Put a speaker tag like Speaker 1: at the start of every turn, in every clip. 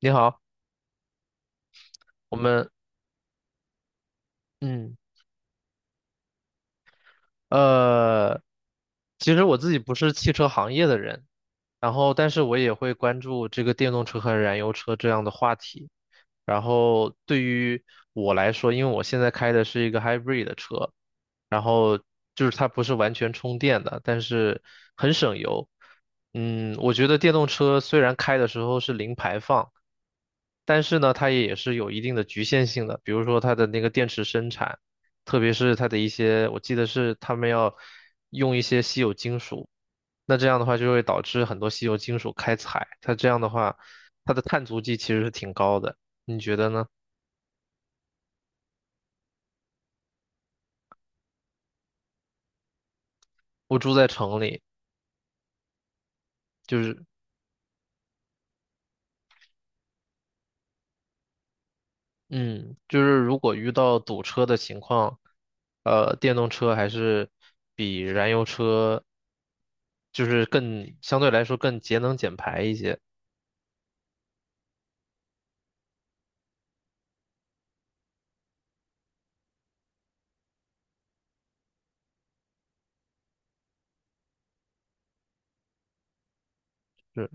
Speaker 1: 你好，我们嗯呃，其实我自己不是汽车行业的人，然后但是我也会关注这个电动车和燃油车这样的话题。然后对于我来说，因为我现在开的是一个 hybrid 的车，然后就是它不是完全充电的，但是很省油。嗯，我觉得电动车虽然开的时候是零排放。但是呢，它也是有一定的局限性的，比如说它的那个电池生产，特别是它的一些，我记得是他们要用一些稀有金属，那这样的话就会导致很多稀有金属开采，它这样的话，它的碳足迹其实是挺高的，你觉得呢？我住在城里，就是嗯，就是如果遇到堵车的情况，电动车还是比燃油车就是更相对来说更节能减排一些，是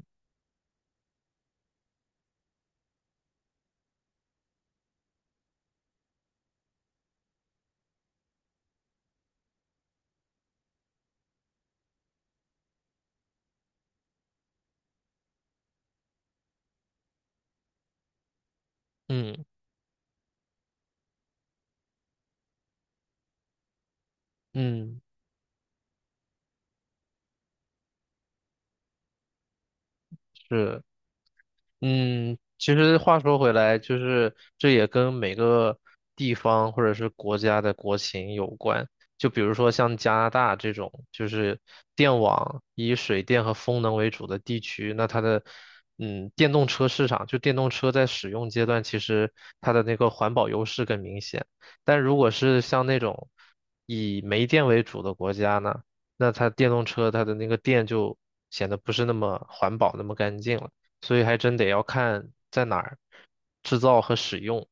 Speaker 1: 嗯。嗯，是。嗯，其实话说回来，就是这也跟每个地方或者是国家的国情有关。就比如说像加拿大这种，就是电网以水电和风能为主的地区，那它的嗯电动车市场，就电动车在使用阶段，其实它的那个环保优势更明显。但如果是像那种以煤电为主的国家呢，那它电动车它的那个电就显得不是那么环保，那么干净了。所以还真得要看在哪儿制造和使用，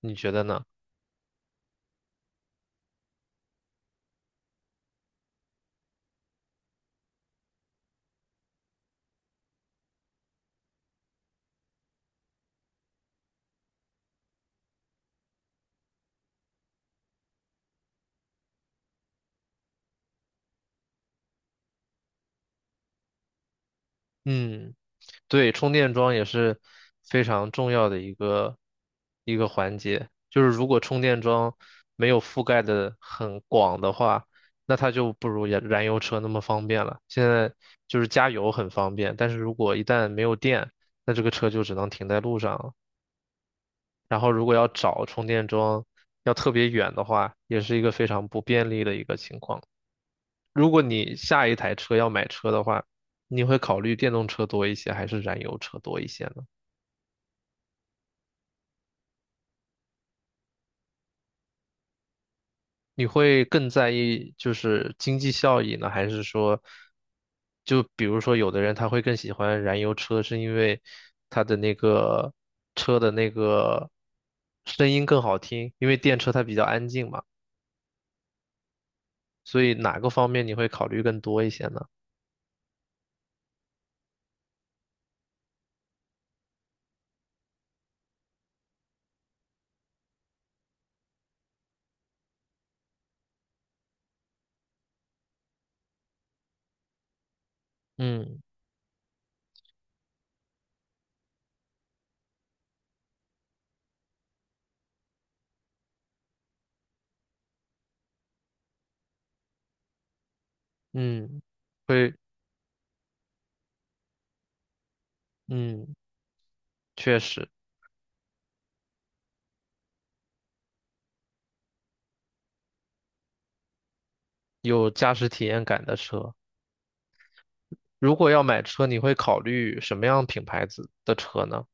Speaker 1: 你觉得呢？嗯，对，充电桩也是非常重要的一个一个环节。就是如果充电桩没有覆盖的很广的话，那它就不如燃油车那么方便了。现在就是加油很方便，但是如果一旦没有电，那这个车就只能停在路上了。然后如果要找充电桩，要特别远的话，也是一个非常不便利的一个情况。如果你下一台车要买车的话，你会考虑电动车多一些，还是燃油车多一些呢？你会更在意就是经济效益呢，还是说，就比如说有的人他会更喜欢燃油车，是因为他的那个车的那个声音更好听，因为电车它比较安静嘛，所以哪个方面你会考虑更多一些呢？嗯嗯，会嗯，确实有驾驶体验感的车。如果要买车，你会考虑什么样品牌子的车呢？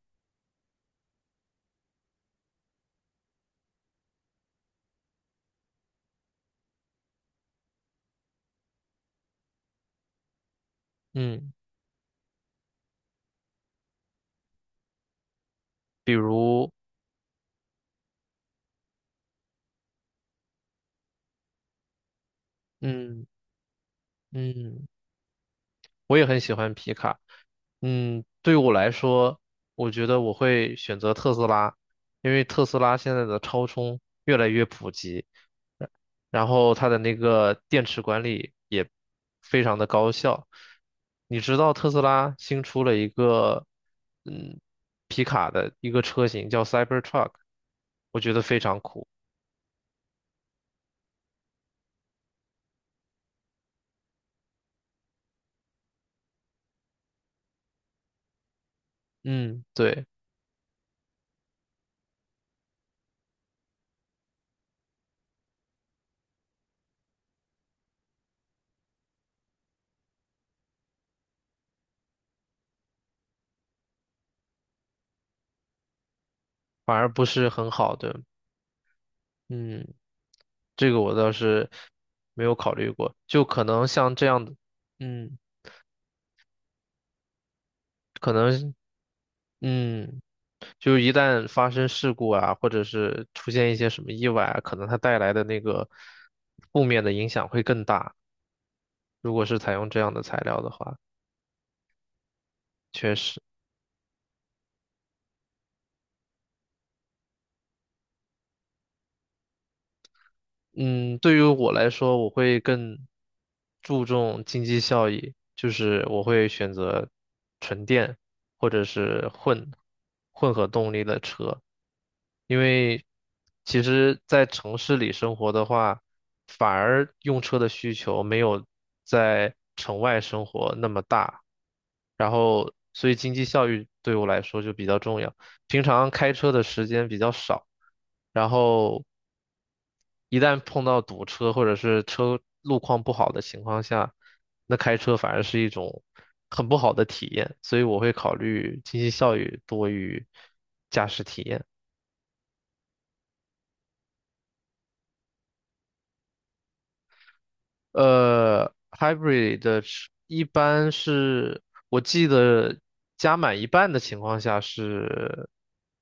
Speaker 1: 嗯，比如，嗯嗯。我也很喜欢皮卡。嗯，对我来说，我觉得我会选择特斯拉，因为特斯拉现在的超充越来越普及，呃然后它的那个电池管理也非常的高效。你知道特斯拉新出了一个嗯皮卡的一个车型叫 Cybertruck，我觉得非常酷。嗯，对，反而不是很好的。嗯。这个我倒是没有考虑过，就可能像这样的，嗯，可能，嗯，就一旦发生事故啊，或者是出现一些什么意外啊，可能它带来的那个负面的影响会更大。如果是采用这样的材料的话，确实。嗯，对于我来说，我会更注重经济效益，就是我会选择纯电或者是混合动力的车，因为其实，在城市里生活的话，反而用车的需求没有在城外生活那么大，然后所以经济效益对我来说就比较重要。平常开车的时间比较少，然后一旦碰到堵车或者是车路况不好的情况下，那开车反而是一种很不好的体验，所以我会考虑经济效益多于驾驶体验。hybrid 的是一般是我记得加满一半的情况下是，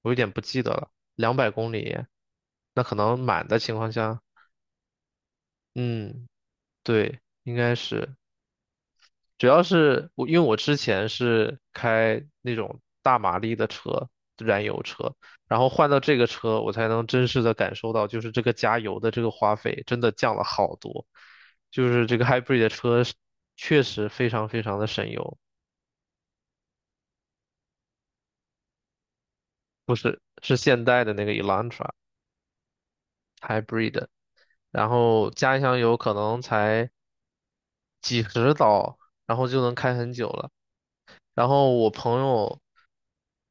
Speaker 1: 我有点不记得了，200公里，那可能满的情况下，嗯，对，应该是。主要是我，因为我之前是开那种大马力的车，燃油车，然后换到这个车，我才能真实的感受到，就是这个加油的这个花费真的降了好多，就是这个 hybrid 的车是确实非常非常的省油，是现代的那个 Elantra hybrid，然后加一箱油可能才几十刀，然后就能开很久了。然后我朋友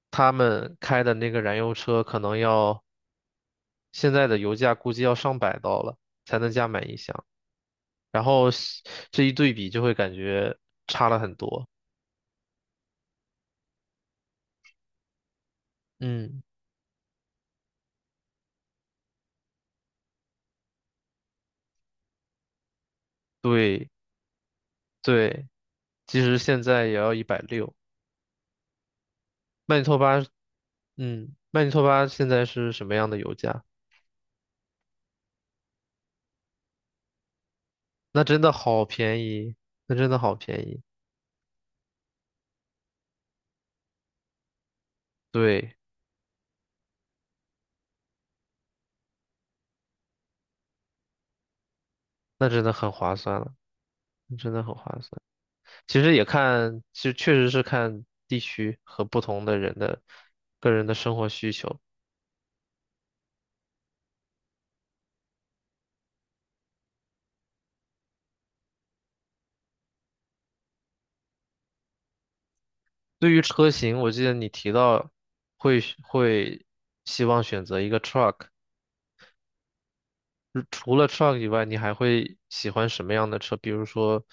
Speaker 1: 他们开的那个燃油车可能要。现在的油价估计要上百刀了才能加满一箱，然后西这一对比就会感觉差了很多。嗯，对对，其实现在也要160。曼尼托巴，嗯，曼尼托巴现在是什么样的油价？那真的好便宜，那真的好便宜，对，那真的很划算了，那真的很划算。其实也看，其实确实是看地区和不同的人的个人的生活需求。对于车型，我记得你提到会会希望选择一个 truck，如除了 truck 以外，你还会喜欢什么样的车？比如说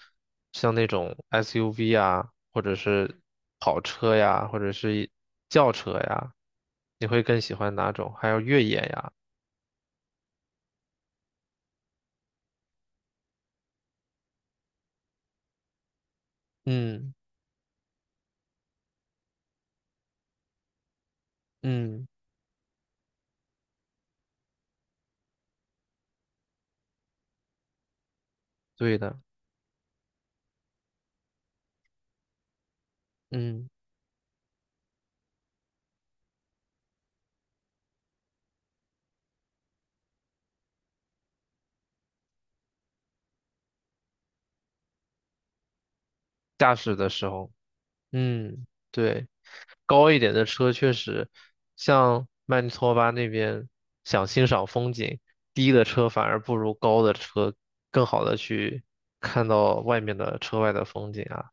Speaker 1: 像那种 SUV 啊，或者是跑车呀，或者是轿车呀，你会更喜欢哪种？还有越野呀？嗯嗯，对的，嗯，驾驶的时候。嗯，对，高一点的车确实，像曼尼托巴那边想欣赏风景，低的车反而不如高的车更好的去看到外面的车外的风景啊。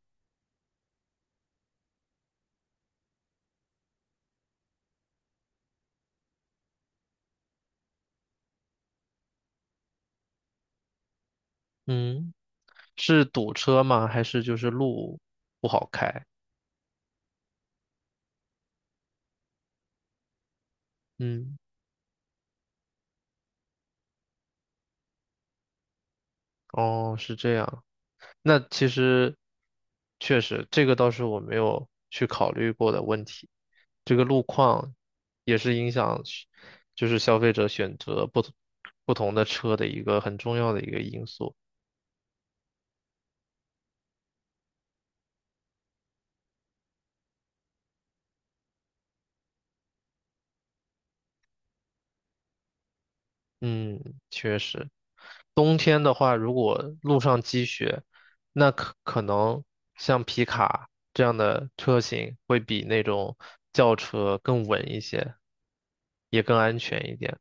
Speaker 1: 嗯，是堵车吗？还是就是路不好开？嗯，哦，是这样。那其实确实，这个倒是我没有去考虑过的问题。这个路况也是影响是就是消费者选择不同的车的一个很重要的一个因素。嗯，确实，冬天的话，如果路上积雪，那可能像皮卡这样的车型会比那种轿车更稳一些，也更安全一点。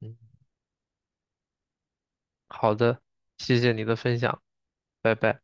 Speaker 1: 嗯，好的，谢谢你的分享。拜拜。